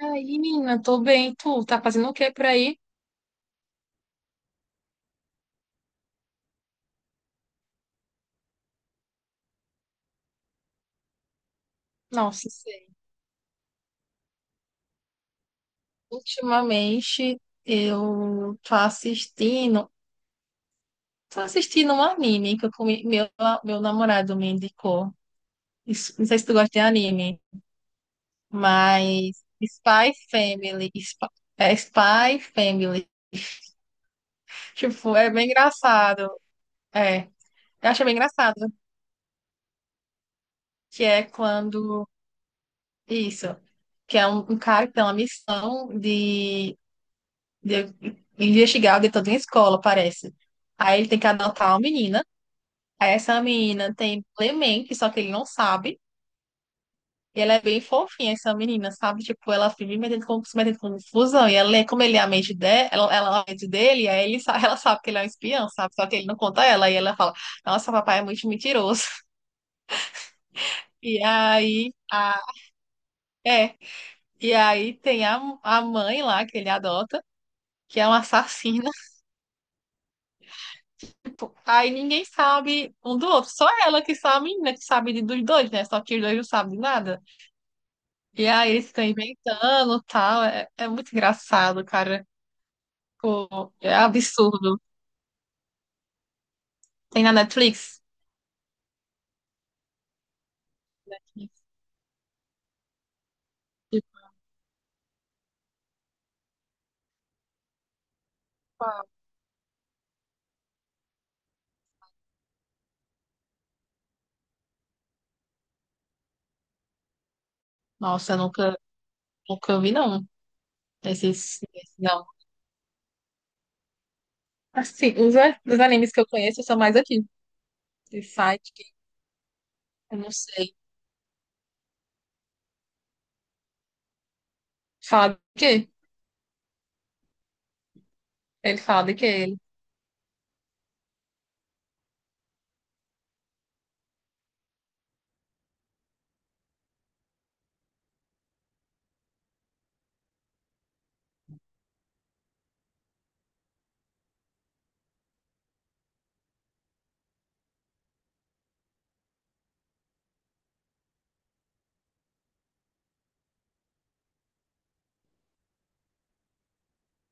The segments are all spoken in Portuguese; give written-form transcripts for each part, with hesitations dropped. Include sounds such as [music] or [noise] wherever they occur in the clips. Ai, menina, tô bem. Tu tá fazendo o que por aí? Nossa, sei. Ultimamente eu tô assistindo um anime que eu comi, meu namorado me indicou. Não sei se tu gosta de anime, mas é Spy Family. Tipo, é bem engraçado. É, eu acho bem engraçado que isso, que é um cara que tem uma missão de investigar o dentro de uma escola, parece. Aí ele tem que adotar uma menina. Aí essa menina tem Clemente, só que ele não sabe. E ela é bem fofinha, essa menina, sabe? Tipo, ela vive se metendo com confusão. E ela é, como ele é a mente dela, ela é a mente dele, aí [laughs] ela sabe que ele é um espião, sabe? Só que ele não conta ela. E ela fala, nossa, papai é muito mentiroso. [laughs] E aí, é. E aí tem a mãe lá que ele adota, que é uma assassina. Tipo, aí ninguém sabe um do outro. Só ela que sabe, né? Que sabe dos dois, né? Só que os dois não sabem de nada. E aí eles ficam inventando e tal. É muito engraçado, cara. Pô, é absurdo. Tem na Netflix? Tipo, nossa, eu nunca vi, não. Esses, não. Assim, os animes que eu conheço são mais aqui. De site que eu não sei. Fala de quê? Ele fala de quê? Ele.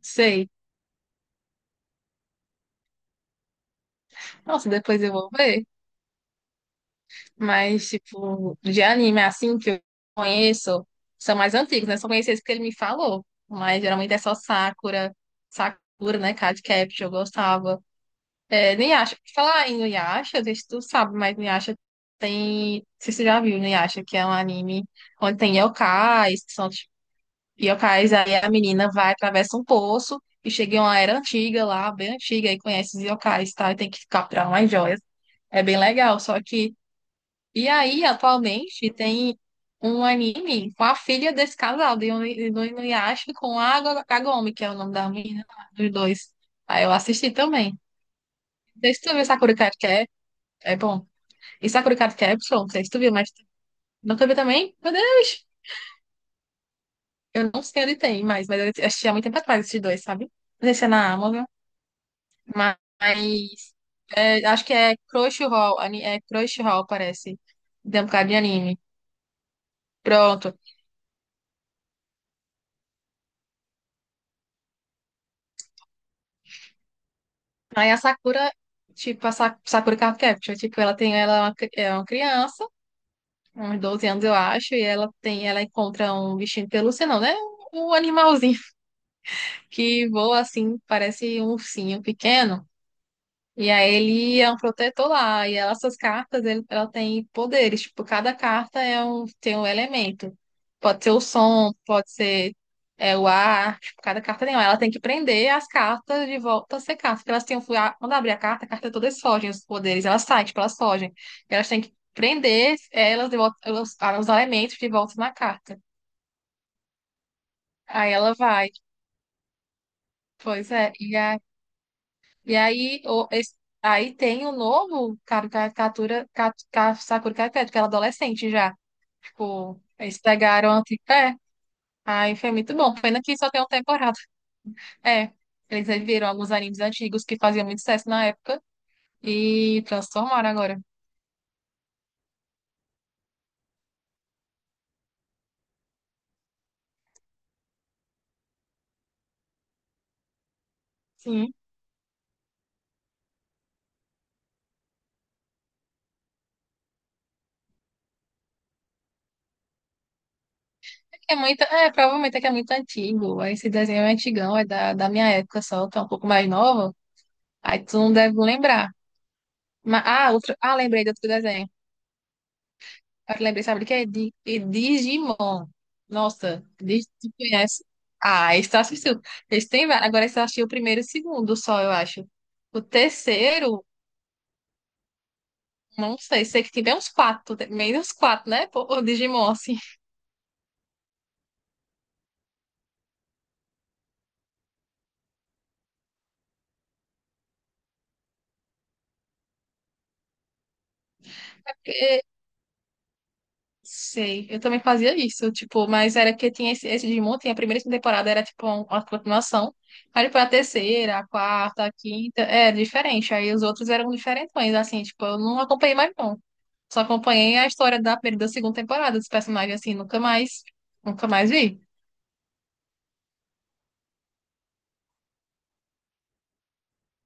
Sei. Nossa, depois eu vou ver. Mas, tipo, de anime assim que eu conheço, são mais antigos, né? Só conheci esse que ele me falou. Mas geralmente é só Sakura, né? Card Capture, eu gostava. É, Inuyasha, falar em Inuyasha, não sei se tu sabe, mas Inuyasha tem. Não sei se tu já viu Inuyasha, que é um anime onde tem yokais, que são tipo, yokais, aí a menina vai, atravessa um poço e chega em uma era antiga lá, bem antiga, e conhece os yokais, tá? E tem que capturar umas joias. É bem legal, só que. E aí, atualmente, tem um anime com a filha desse casal, do Inuyasha com a Kagome, que é o nome da menina, lá, dos dois. Aí eu assisti também. Não sei se tu viu Sakura Card Cap, é bom. E Sakura Card Capsule, não sei se tu viu, mas nunca vi também? Meu Deus! Eu não sei onde tem mais, mas eu assisti há muito tempo atrás esses dois, sabe? Não sei se é na Amazon, mas é, acho que é Crunchyroll, parece. Tem um bocado de anime. Pronto. Aí a Sakura, tipo, a Sakura Card Capture, tipo, ela é uma criança, uns 12 anos, eu acho, e ela encontra um bichinho de pelúcia, não, né? Um animalzinho [laughs] que voa assim, parece um ursinho pequeno. E aí ele é um protetor lá, e essas cartas, ela tem poderes, tipo, cada carta é um, tem um elemento. Pode ser o som, pode ser o ar, tipo, cada carta tem um. Ela tem que prender as cartas de volta a ser cartas, porque elas têm, quando abrir a carta todas fogem, os poderes, elas saem, tipo, elas fogem. Elas têm que prender elas de volta, os elementos de volta na carta. Aí ela vai, pois é, e aí, aí tem o novo cara, caricatura, Sakura Caricatura, que ela é adolescente já. Tipo, eles pegaram anti. É, aí foi muito bom. Pena que só tem uma temporada. É, eles viram alguns animes antigos que faziam muito sucesso na época e transformaram agora. Sim. É muito, provavelmente é que é muito antigo. Esse desenho é antigão, é da minha época só, que é um pouco mais novo. Aí tu não deve lembrar. Mas, ah, outro, ah, lembrei de outro desenho. Eu lembrei, sabe de quê? De Digimon. Nossa, tu conhece? Ah, esse tu assistiu. Esse tem vários. Agora esse eu achei o primeiro e o segundo só, eu acho. O terceiro, não sei, sei que tem bem uns quatro, meio uns quatro, né? Pô, o Digimon, assim. [laughs] Sei, eu também fazia isso, tipo, mas era que tinha esse Digimon, tinha a primeira e segunda temporada, era tipo uma continuação, aí depois a terceira, a quarta, a quinta, é diferente, aí os outros eram diferentões, assim, tipo, eu não acompanhei mais não, só acompanhei a história da primeira e da segunda temporada dos personagens, assim, nunca mais vi.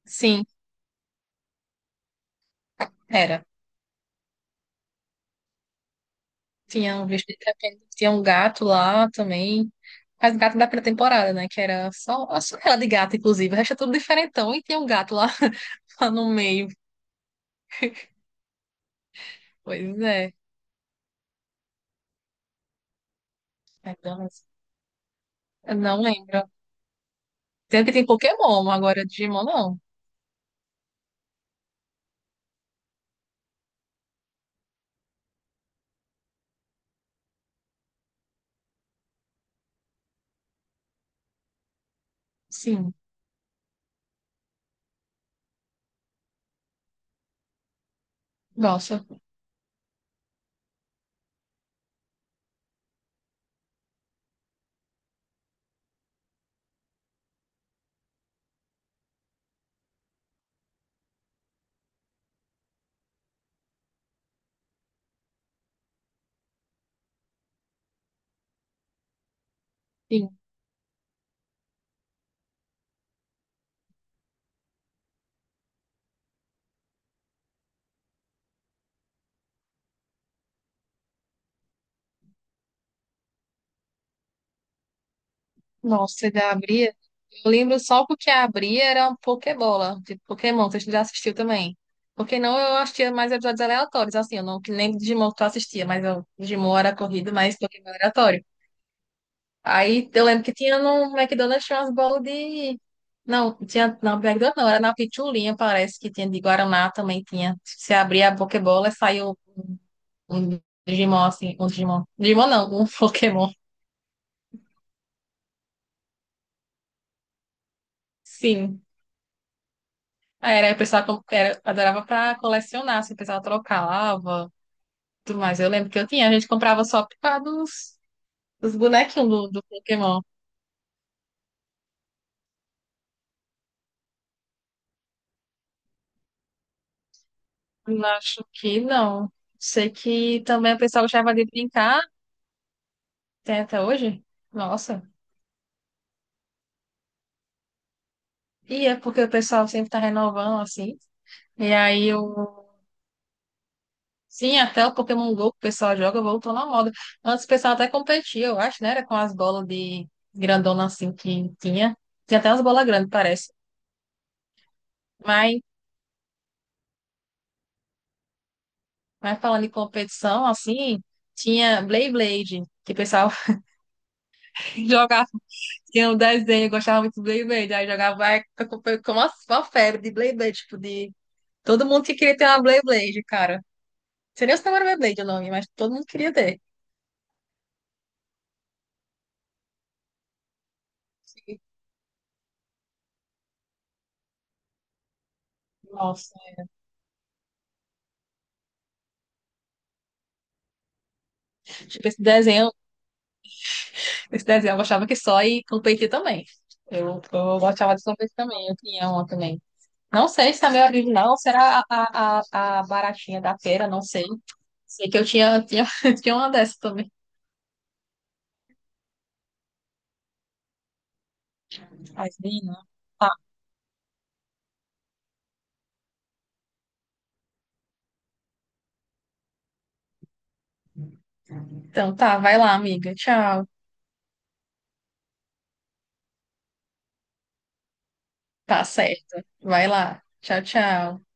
Sim, era, tinha um bicho de repente, tinha um gato lá também, mas gato da primeira temporada, né, que era só a ela de gato, inclusive, o resto é tudo diferentão, e tinha um gato lá, [laughs] lá no meio. Pois é. McDonald's. Eu não lembro. Tanto que tem Pokémon, agora Digimon não. Sim. Nossa. Sim. Nossa, da abria. Eu lembro só porque a abria era uma Pokébola, de Pokémon, você já assistiu também. Porque não, eu assistia mais episódios aleatórios, assim, eu não que lembro de Digimon que tu assistia, mas eu, Digimon era corrido, mas Pokémon era aleatório. Aí eu lembro que tinha no McDonald's tinha umas bolas de. Não, tinha na McDonald's não, era na Pichulinha, parece que tinha de Guaraná também tinha. Se abria a Pokébola, saiu um Digimon, assim, um Digimon. Digimon não, um [laughs] Pokémon. Sim. Aí o pessoal adorava pra colecionar, assim, o pessoal trocava, tudo mais. Eu lembro que eu tinha, a gente comprava só por causa dos bonequinhos do Pokémon. Não acho que não. Sei que também o pessoal gostava de brincar, tem até hoje. Nossa. E é porque o pessoal sempre tá renovando, assim. E aí eu Sim, até o Pokémon Go que o pessoal joga voltou na moda. Antes o pessoal até competia, eu acho, né? Era com as bolas de grandona assim que tinha. Tinha até umas bolas grandes, parece. Mas, mas, falando em competição, assim, tinha Beyblade, que o pessoal [laughs] jogava, tinha um desenho, eu gostava muito do Beyblade, aí jogava ai, com uma febre de Beyblade, tipo, de todo mundo que queria ter uma Beyblade, cara. Não sei nem se não era Beyblade o nome, mas todo mundo queria ter. Nossa, tipo, esse desenho eu gostava que só e competir também. Eu gostava de competir também, eu tinha uma também. Não sei se também é original ou será a baratinha da feira, não sei. Sei que eu tinha, [laughs] tinha uma dessa também. Mas, menina. Ah, então tá, vai lá, amiga. Tchau. Tá certo. Vai lá. Tchau, tchau.